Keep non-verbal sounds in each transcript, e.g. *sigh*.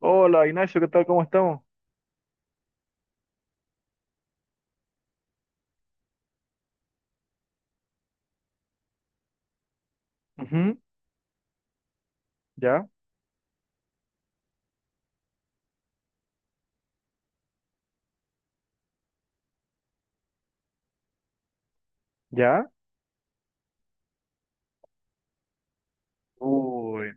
Hola Ignacio, ¿qué tal? ¿Cómo estamos? Ujú. ¿Ya? ¿Ya? Uy,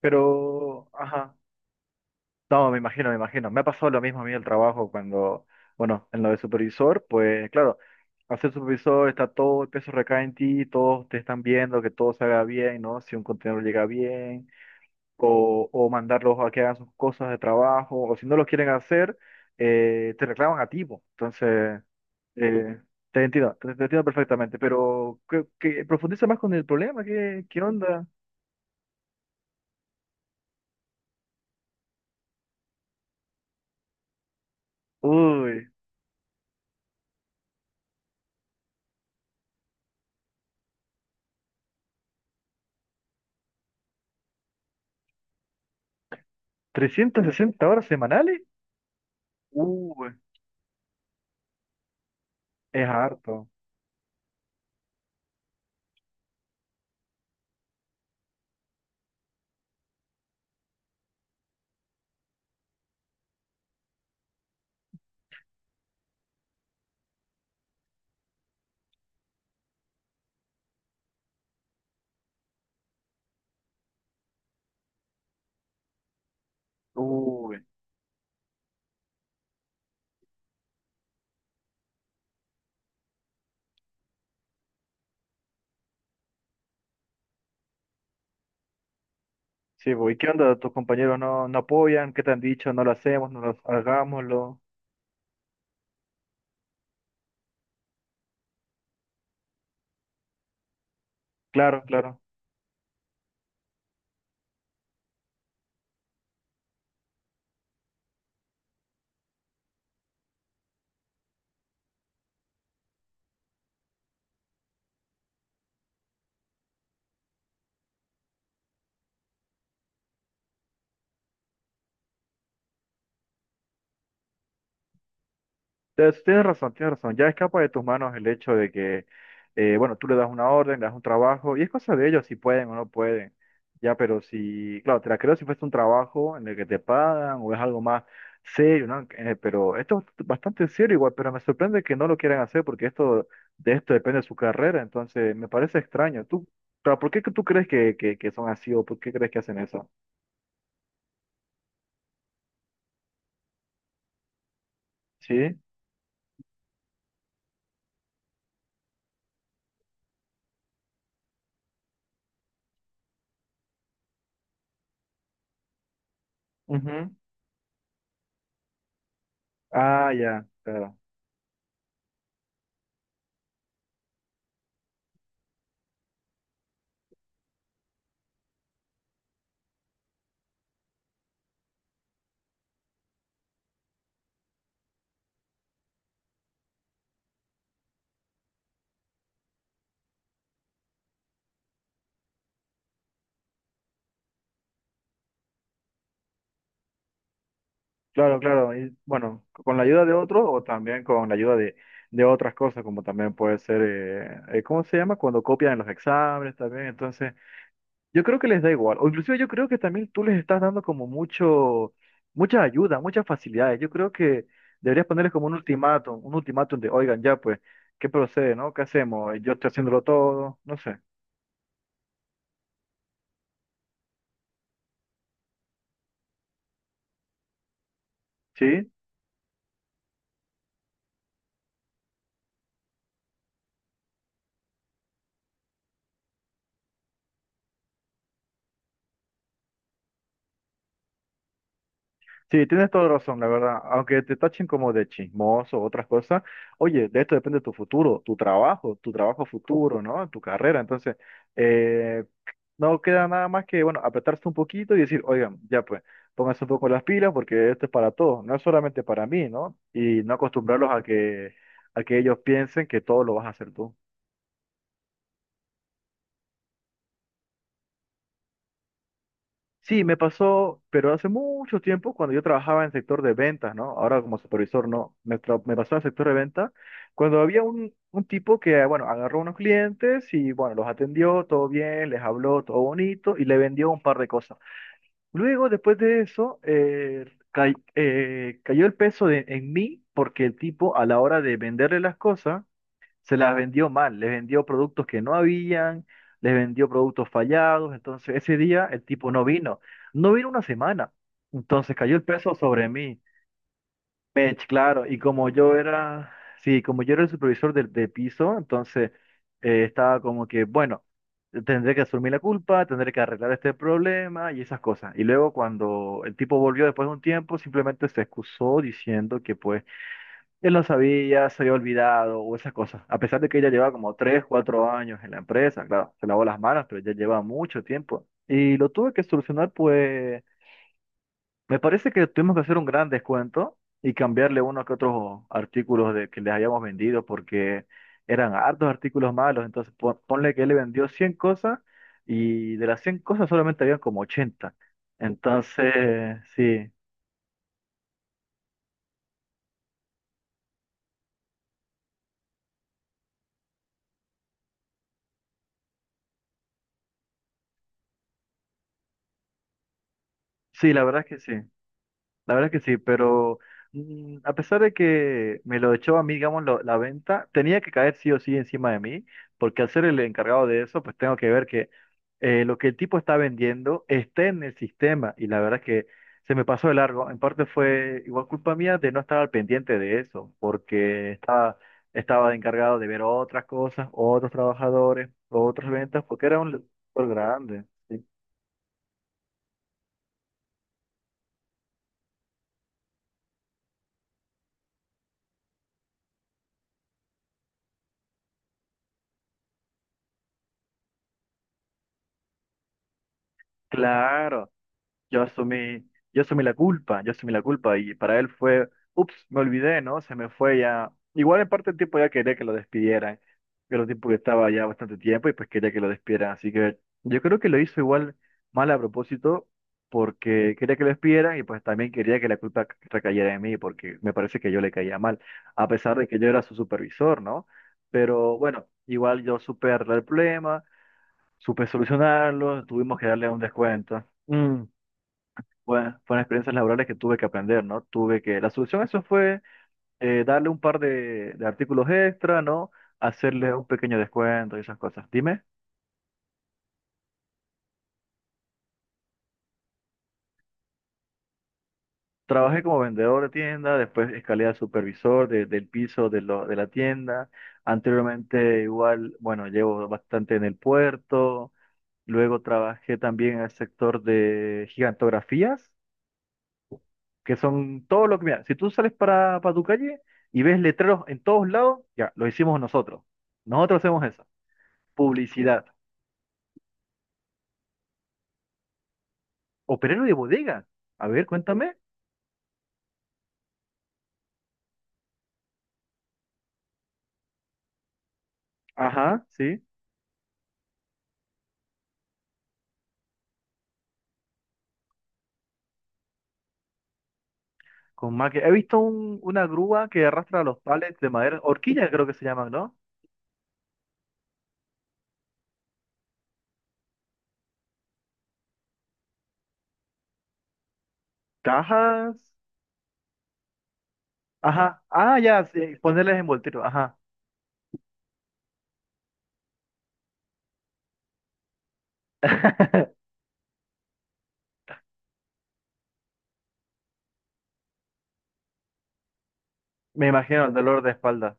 pero, ajá. No, me imagino, me imagino. Me ha pasado lo mismo a mí en el trabajo cuando, bueno, en lo de supervisor, pues claro, al ser supervisor está todo, el peso recae en ti, todos te están viendo que todo se haga bien, ¿no? Si un contenedor llega bien, o mandarlos a que hagan sus cosas de trabajo, o si no lo quieren hacer, te reclaman a ti, po. Entonces... Eh, te entiendo, te entiendo perfectamente, pero que profundiza más con el problema, ¿qué onda? Uy. ¿360 horas semanales? Uy, es harto. Uy, sí, pues, ¿y qué onda? ¿Tus compañeros no apoyan? ¿Qué te han dicho? No lo hacemos, no lo hagámoslo. Claro, claro. Tienes razón, tienes razón. Ya escapa de tus manos el hecho de que, bueno, tú le das una orden, le das un trabajo, y es cosa de ellos si pueden o no pueden. Ya, pero si, claro, te la creo si fuese un trabajo en el que te pagan o es algo más serio, ¿no? Pero esto es bastante serio igual, pero me sorprende que no lo quieran hacer porque esto, de esto depende de su carrera, entonces me parece extraño. Tú, claro, ¿por qué que tú crees que, son así o por qué crees que hacen eso? ¿Sí? Ujú. Ah, ya, claro. Claro, claro. Y bueno, con la ayuda de otros o también con la ayuda de otras cosas, como también puede ser, ¿cómo se llama? Cuando copian en los exámenes también. Entonces, yo creo que les da igual. O inclusive yo creo que también tú les estás dando como mucha ayuda, muchas facilidades. Yo creo que deberías ponerles como un ultimátum de, oigan, ya pues, ¿qué procede, no? ¿Qué hacemos? Yo estoy haciéndolo todo, no sé. Sí, sí, tienes toda la razón, la verdad. Aunque te tachen como de chismoso o otras cosas, oye, de esto depende tu futuro, tu trabajo futuro, ¿no? Tu carrera. Entonces, eh, no queda nada más que, bueno, apretarse un poquito y decir, oigan, ya pues, pónganse un poco las pilas porque esto es para todos, no es solamente para mí, ¿no? Y no acostumbrarlos a que ellos piensen que todo lo vas a hacer tú. Sí, me pasó, pero hace mucho tiempo cuando yo trabajaba en el sector de ventas, ¿no? Ahora como supervisor, no. Me pasó en el sector de ventas cuando había un tipo que, bueno, agarró unos clientes y, bueno, los atendió, todo bien, les habló, todo bonito y le vendió un par de cosas. Luego, después de eso, cayó el peso en mí porque el tipo a la hora de venderle las cosas, se las vendió mal, les vendió productos que no habían, les vendió productos fallados, entonces ese día el tipo no vino, no vino una semana, entonces cayó el peso sobre mí. Claro, y como yo era, sí, como yo era el supervisor del de piso, entonces estaba como que, bueno, tendré que asumir la culpa, tendré que arreglar este problema y esas cosas, y luego cuando el tipo volvió después de un tiempo, simplemente se excusó diciendo que pues él no sabía, se había olvidado o esas cosas. A pesar de que ella lleva como 3 4 años en la empresa, claro, se lavó las manos, pero ya lleva mucho tiempo. Y lo tuve que solucionar, pues me parece que tuvimos que hacer un gran descuento y cambiarle uno que otros artículos que les habíamos vendido porque eran hartos artículos malos. Entonces ponle que él le vendió 100 cosas y de las 100 cosas solamente habían como 80. Entonces, sí, sí, la verdad es que sí. La verdad que sí, pero a pesar de que me lo echó a mí, digamos, la venta, tenía que caer sí o sí encima de mí, porque al ser el encargado de eso, pues tengo que ver que lo que el tipo está vendiendo esté en el sistema. Y la verdad es que se me pasó de largo. En parte fue igual culpa mía de no estar al pendiente de eso, porque estaba de encargado de ver otras cosas, otros trabajadores, otras ventas, porque era un sector grande. Sí. Claro. Yo asumí la culpa, yo asumí la culpa y para él fue, ups, me olvidé, ¿no? Se me fue ya. Igual en parte el tipo ya quería que lo despidieran, pero el tiempo que estaba ya bastante tiempo y pues quería que lo despidieran. Así que yo creo que lo hizo igual mal a propósito porque quería que lo despidieran y pues también quería que la culpa recayera en mí porque me parece que yo le caía mal, a pesar de que yo era su supervisor, ¿no? Pero bueno, igual yo supe arreglar el problema, supe solucionarlo, tuvimos que darle un descuento. Bueno, fueron experiencias laborales que tuve que aprender, ¿no? La solución a eso fue darle un par de artículos extra, ¿no? Hacerle un pequeño descuento y esas cosas. Dime, trabajé como vendedor de tienda, después escalé a supervisor del piso de la tienda. Anteriormente igual, bueno, llevo bastante en el puerto. Luego trabajé también en el sector de gigantografías. Que son todo lo que, mira, si tú sales para tu calle y ves letreros en todos lados, ya, lo hicimos nosotros. Nosotros hacemos eso. Publicidad. Operario de bodega. A ver, cuéntame. Ajá, sí. He visto una grúa que arrastra los palets de madera, horquillas creo que se llaman, ¿no? Cajas. Ajá. Ah, ya, sí, ponerles envoltorio. Ajá. *laughs* Me imagino el dolor de espalda.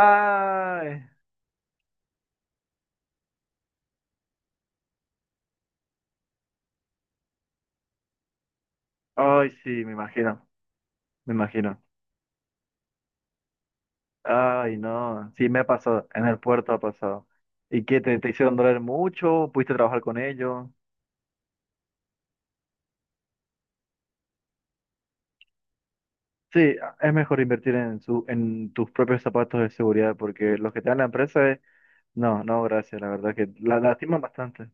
Ay, ay, sí, me imagino, me imagino. Ay, no, sí me ha pasado, en el puerto ha pasado. ¿Y qué te hicieron doler mucho? ¿Pudiste trabajar con ellos? Sí, es mejor invertir en su, en tus propios zapatos de seguridad, porque los que te dan la empresa es, no, no, gracias, la verdad que la lastiman bastante.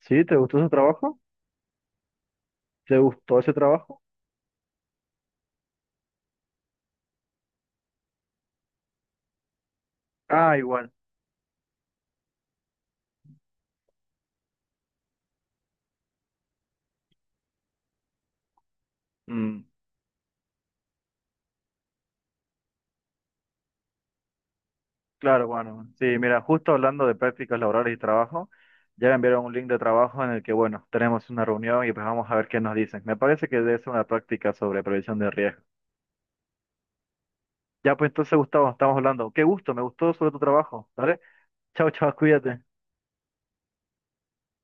¿Sí? ¿Te gustó ese trabajo? ¿Te gustó ese trabajo? Ah, igual. Mm, claro, bueno. Sí, mira, justo hablando de prácticas laborales y trabajo, ya me enviaron un link de trabajo en el que, bueno, tenemos una reunión y pues vamos a ver qué nos dicen. Me parece que debe ser una práctica sobre prevención de riesgo. Ya, pues entonces, Gustavo, estamos hablando. Qué gusto, me gustó sobre tu trabajo. ¿Vale? Chao, chao, cuídate.